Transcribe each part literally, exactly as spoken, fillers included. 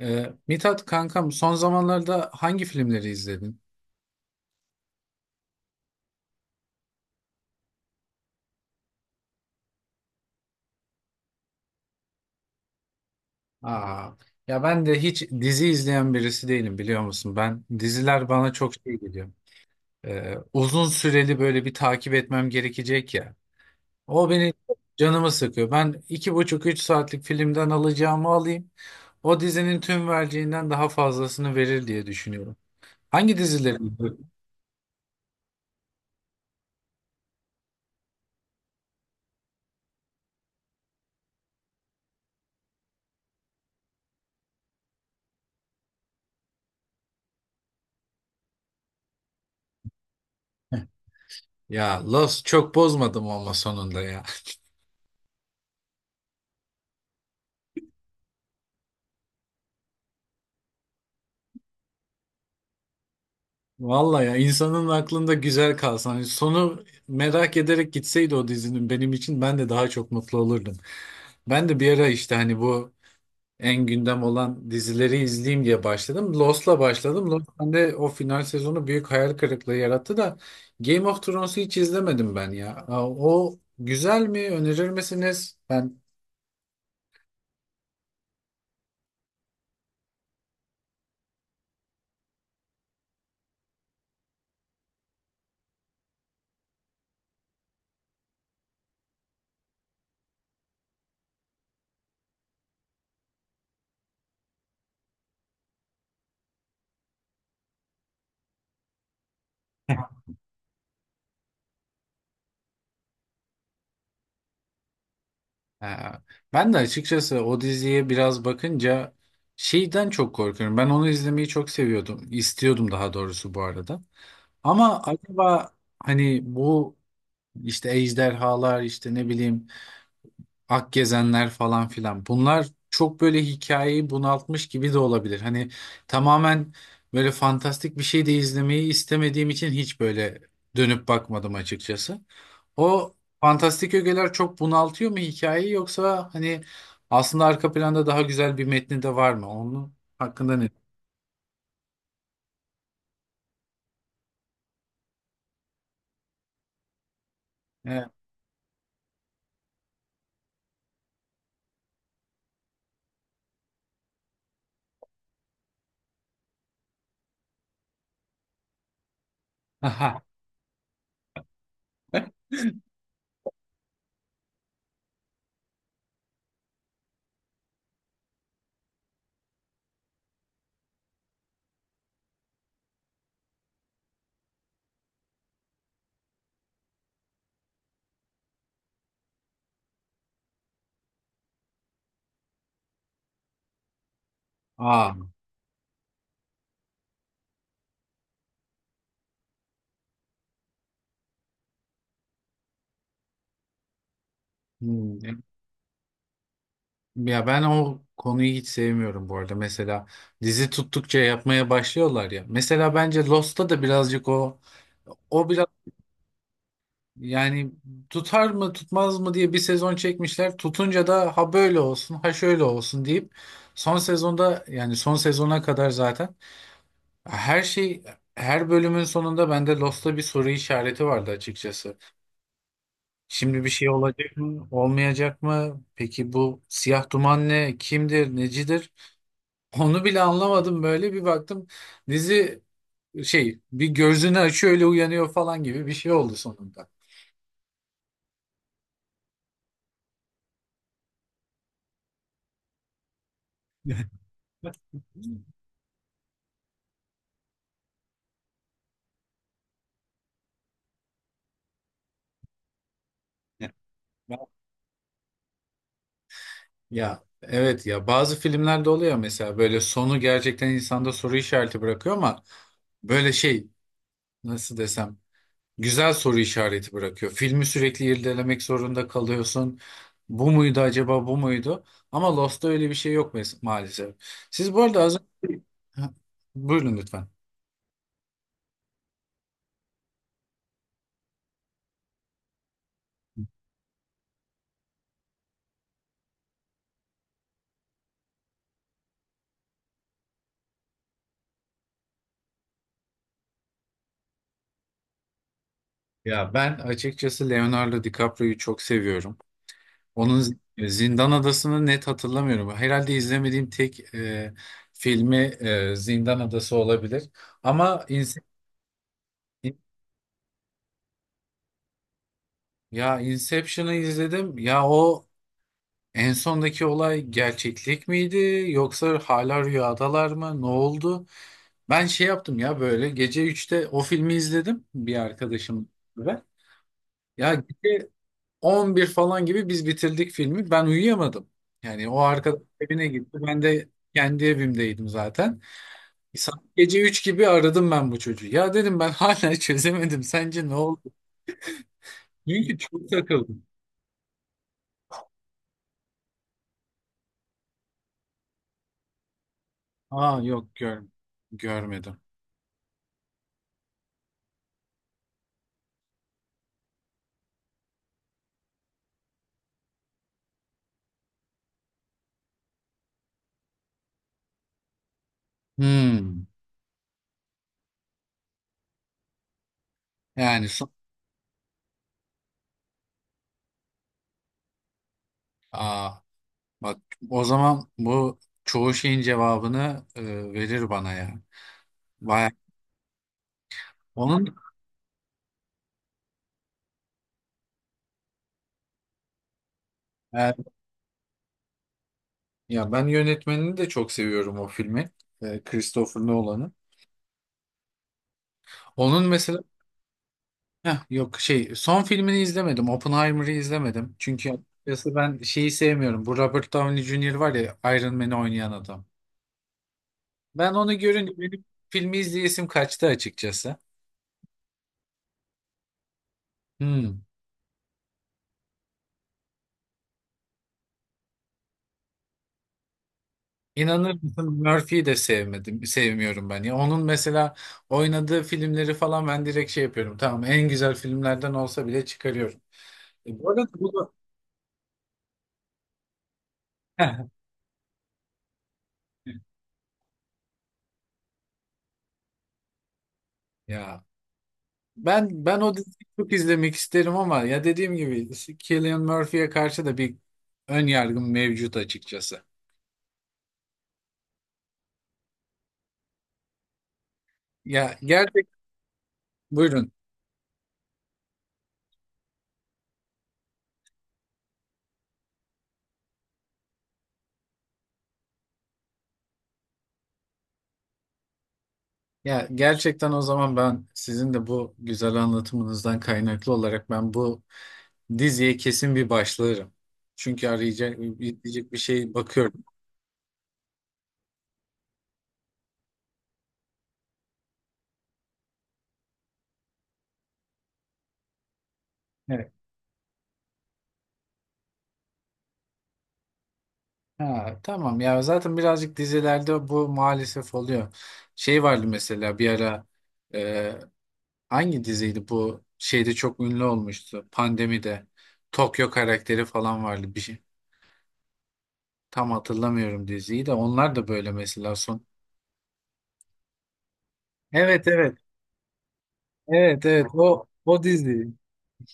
Ee, Mithat kankam son zamanlarda hangi filmleri izledin? Aa, ya ben de hiç dizi izleyen birisi değilim, biliyor musun? Ben diziler bana çok şey geliyor. Ee, uzun süreli böyle bir takip etmem gerekecek ya. O beni Canımı sıkıyor. Ben iki buçuk üç saatlik filmden alacağımı alayım. O dizinin tüm vereceğinden daha fazlasını verir diye düşünüyorum. Hangi dizileri? Ya Lost çok bozmadım ama sonunda ya. Vallahi ya, insanın aklında güzel kalsın. Hani sonu merak ederek gitseydi o dizinin, benim için ben de daha çok mutlu olurdum. Ben de bir ara işte hani bu en gündem olan dizileri izleyeyim diye başladım. Lost'la başladım. Lost bende o final sezonu büyük hayal kırıklığı yarattı da Game of Thrones'u hiç izlemedim ben ya. Aa, o güzel mi? Önerir misiniz? Ben Ha, Ben de açıkçası o diziye biraz bakınca şeyden çok korkuyorum. Ben onu izlemeyi çok seviyordum. İstiyordum daha doğrusu bu arada. Ama acaba hani bu işte ejderhalar, işte ne bileyim, Akgezenler falan filan, bunlar çok böyle hikayeyi bunaltmış gibi de olabilir. Hani tamamen böyle fantastik bir şey de izlemeyi istemediğim için hiç böyle dönüp bakmadım açıkçası. O fantastik ögeler çok bunaltıyor mu hikayeyi, yoksa hani aslında arka planda daha güzel bir metni de var mı? Onun hakkında ne? E, aha. Aa. Hmm. E, Ya ben o konuyu hiç sevmiyorum bu arada. Mesela dizi tuttukça yapmaya başlıyorlar ya. Mesela bence Lost'ta da birazcık o o biraz, yani tutar mı tutmaz mı diye bir sezon çekmişler. Tutunca da ha böyle olsun ha şöyle olsun deyip son sezonda, yani son sezona kadar zaten her şey, her bölümün sonunda bende Lost'ta bir soru işareti vardı açıkçası. Şimdi bir şey olacak mı, olmayacak mı? Peki bu siyah duman ne, kimdir, necidir? Onu bile anlamadım, böyle bir baktım. Dizi şey, bir gözünü açıyor, öyle uyanıyor falan gibi bir şey oldu sonunda. Ya Ya evet, ya bazı filmlerde oluyor mesela, böyle sonu gerçekten insanda soru işareti bırakıyor ama böyle şey, nasıl desem, güzel soru işareti bırakıyor. Filmi sürekli irdelemek zorunda kalıyorsun. Bu muydu acaba, bu muydu? Ama Lost'ta öyle bir şey yok mes- maalesef. Siz bu arada az Ha, Buyurun lütfen. Ya ben açıkçası Leonardo DiCaprio'yu çok seviyorum. Onun Z- Zindan Adası'nı net hatırlamıyorum. Herhalde izlemediğim tek e, filmi e, Zindan Adası olabilir. Ama Inse- ya Inception'ı izledim. Ya o, en sondaki olay gerçeklik miydi yoksa hala rüyadalar mı? Ne oldu? Ben şey yaptım ya, böyle gece üçte o filmi izledim bir arkadaşım. ve Ya gece on bir falan gibi biz bitirdik filmi. Ben uyuyamadım. Yani o arkadaş evine gitti. Ben de kendi evimdeydim zaten. Saat gece üç gibi aradım ben bu çocuğu. Ya dedim ben hala çözemedim. Sence ne oldu? Çünkü çok takıldım. Aa yok, gör görmedim. Hmm. Yani son- Aa, bak o zaman bu çoğu şeyin cevabını e, verir bana ya. Baya onun e, ya ben yönetmenini de çok seviyorum o filmi. E, Christopher Nolan'ı. Onun mesela heh, yok şey, son filmini izlemedim. Oppenheimer'ı izlemedim. Çünkü açıkçası ben şeyi sevmiyorum. Bu Robert Downey Junior var ya, Iron Man'i oynayan adam. Ben onu görünce benim filmi izleyesim kaçtı açıkçası. Hmm. İnanır mısın, Murphy'yi de sevmedim, sevmiyorum ben. Ya onun mesela oynadığı filmleri falan ben direkt şey yapıyorum. Tamam en güzel filmlerden olsa bile çıkarıyorum. E, bu arada bunu ya ben ben o diziyi çok izlemek isterim ama ya dediğim gibi Cillian Murphy'ye karşı da bir ön yargım mevcut açıkçası. Ya gerçek Buyurun. Ya gerçekten o zaman ben sizin de bu güzel anlatımınızdan kaynaklı olarak ben bu diziye kesin bir başlarım. Çünkü arayacak diyecek bir şey bakıyorum. Evet. Ha, tamam ya, zaten birazcık dizilerde bu maalesef oluyor. Şey vardı mesela bir ara, e, hangi diziydi bu, şeyde çok ünlü olmuştu pandemide. Tokyo karakteri falan vardı bir şey. Tam hatırlamıyorum diziyi de, onlar da böyle mesela son. Evet evet, evet evet, o o dizi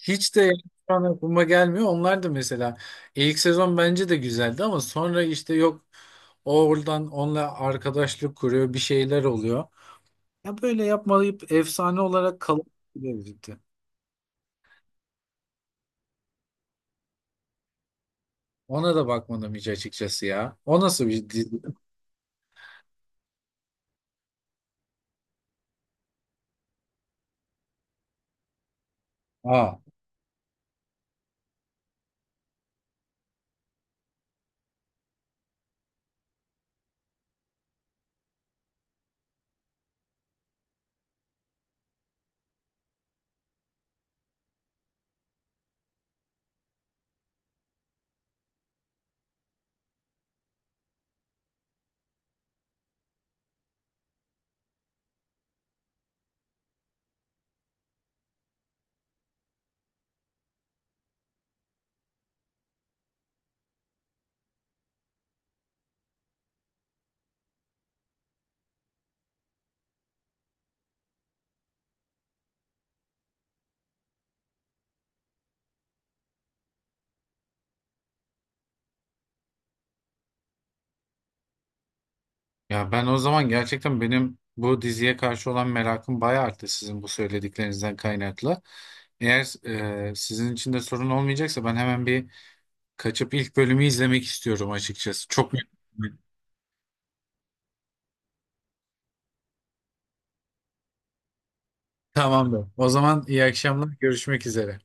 hiç de, yani şu an aklıma gelmiyor. Onlar da mesela ilk sezon bence de güzeldi ama sonra işte yok, o oradan onunla arkadaşlık kuruyor, bir şeyler oluyor. Ya böyle yapmayıp efsane olarak kalıp gidebilirdi. Ona da bakmadım hiç açıkçası ya. O nasıl bir dizi? Aa. Ya ben o zaman gerçekten benim bu diziye karşı olan merakım bayağı arttı sizin bu söylediklerinizden kaynaklı. Eğer e, sizin için de sorun olmayacaksa ben hemen bir kaçıp ilk bölümü izlemek istiyorum açıkçası. Çok merak ettim. Tamamdır. O zaman iyi akşamlar. Görüşmek üzere.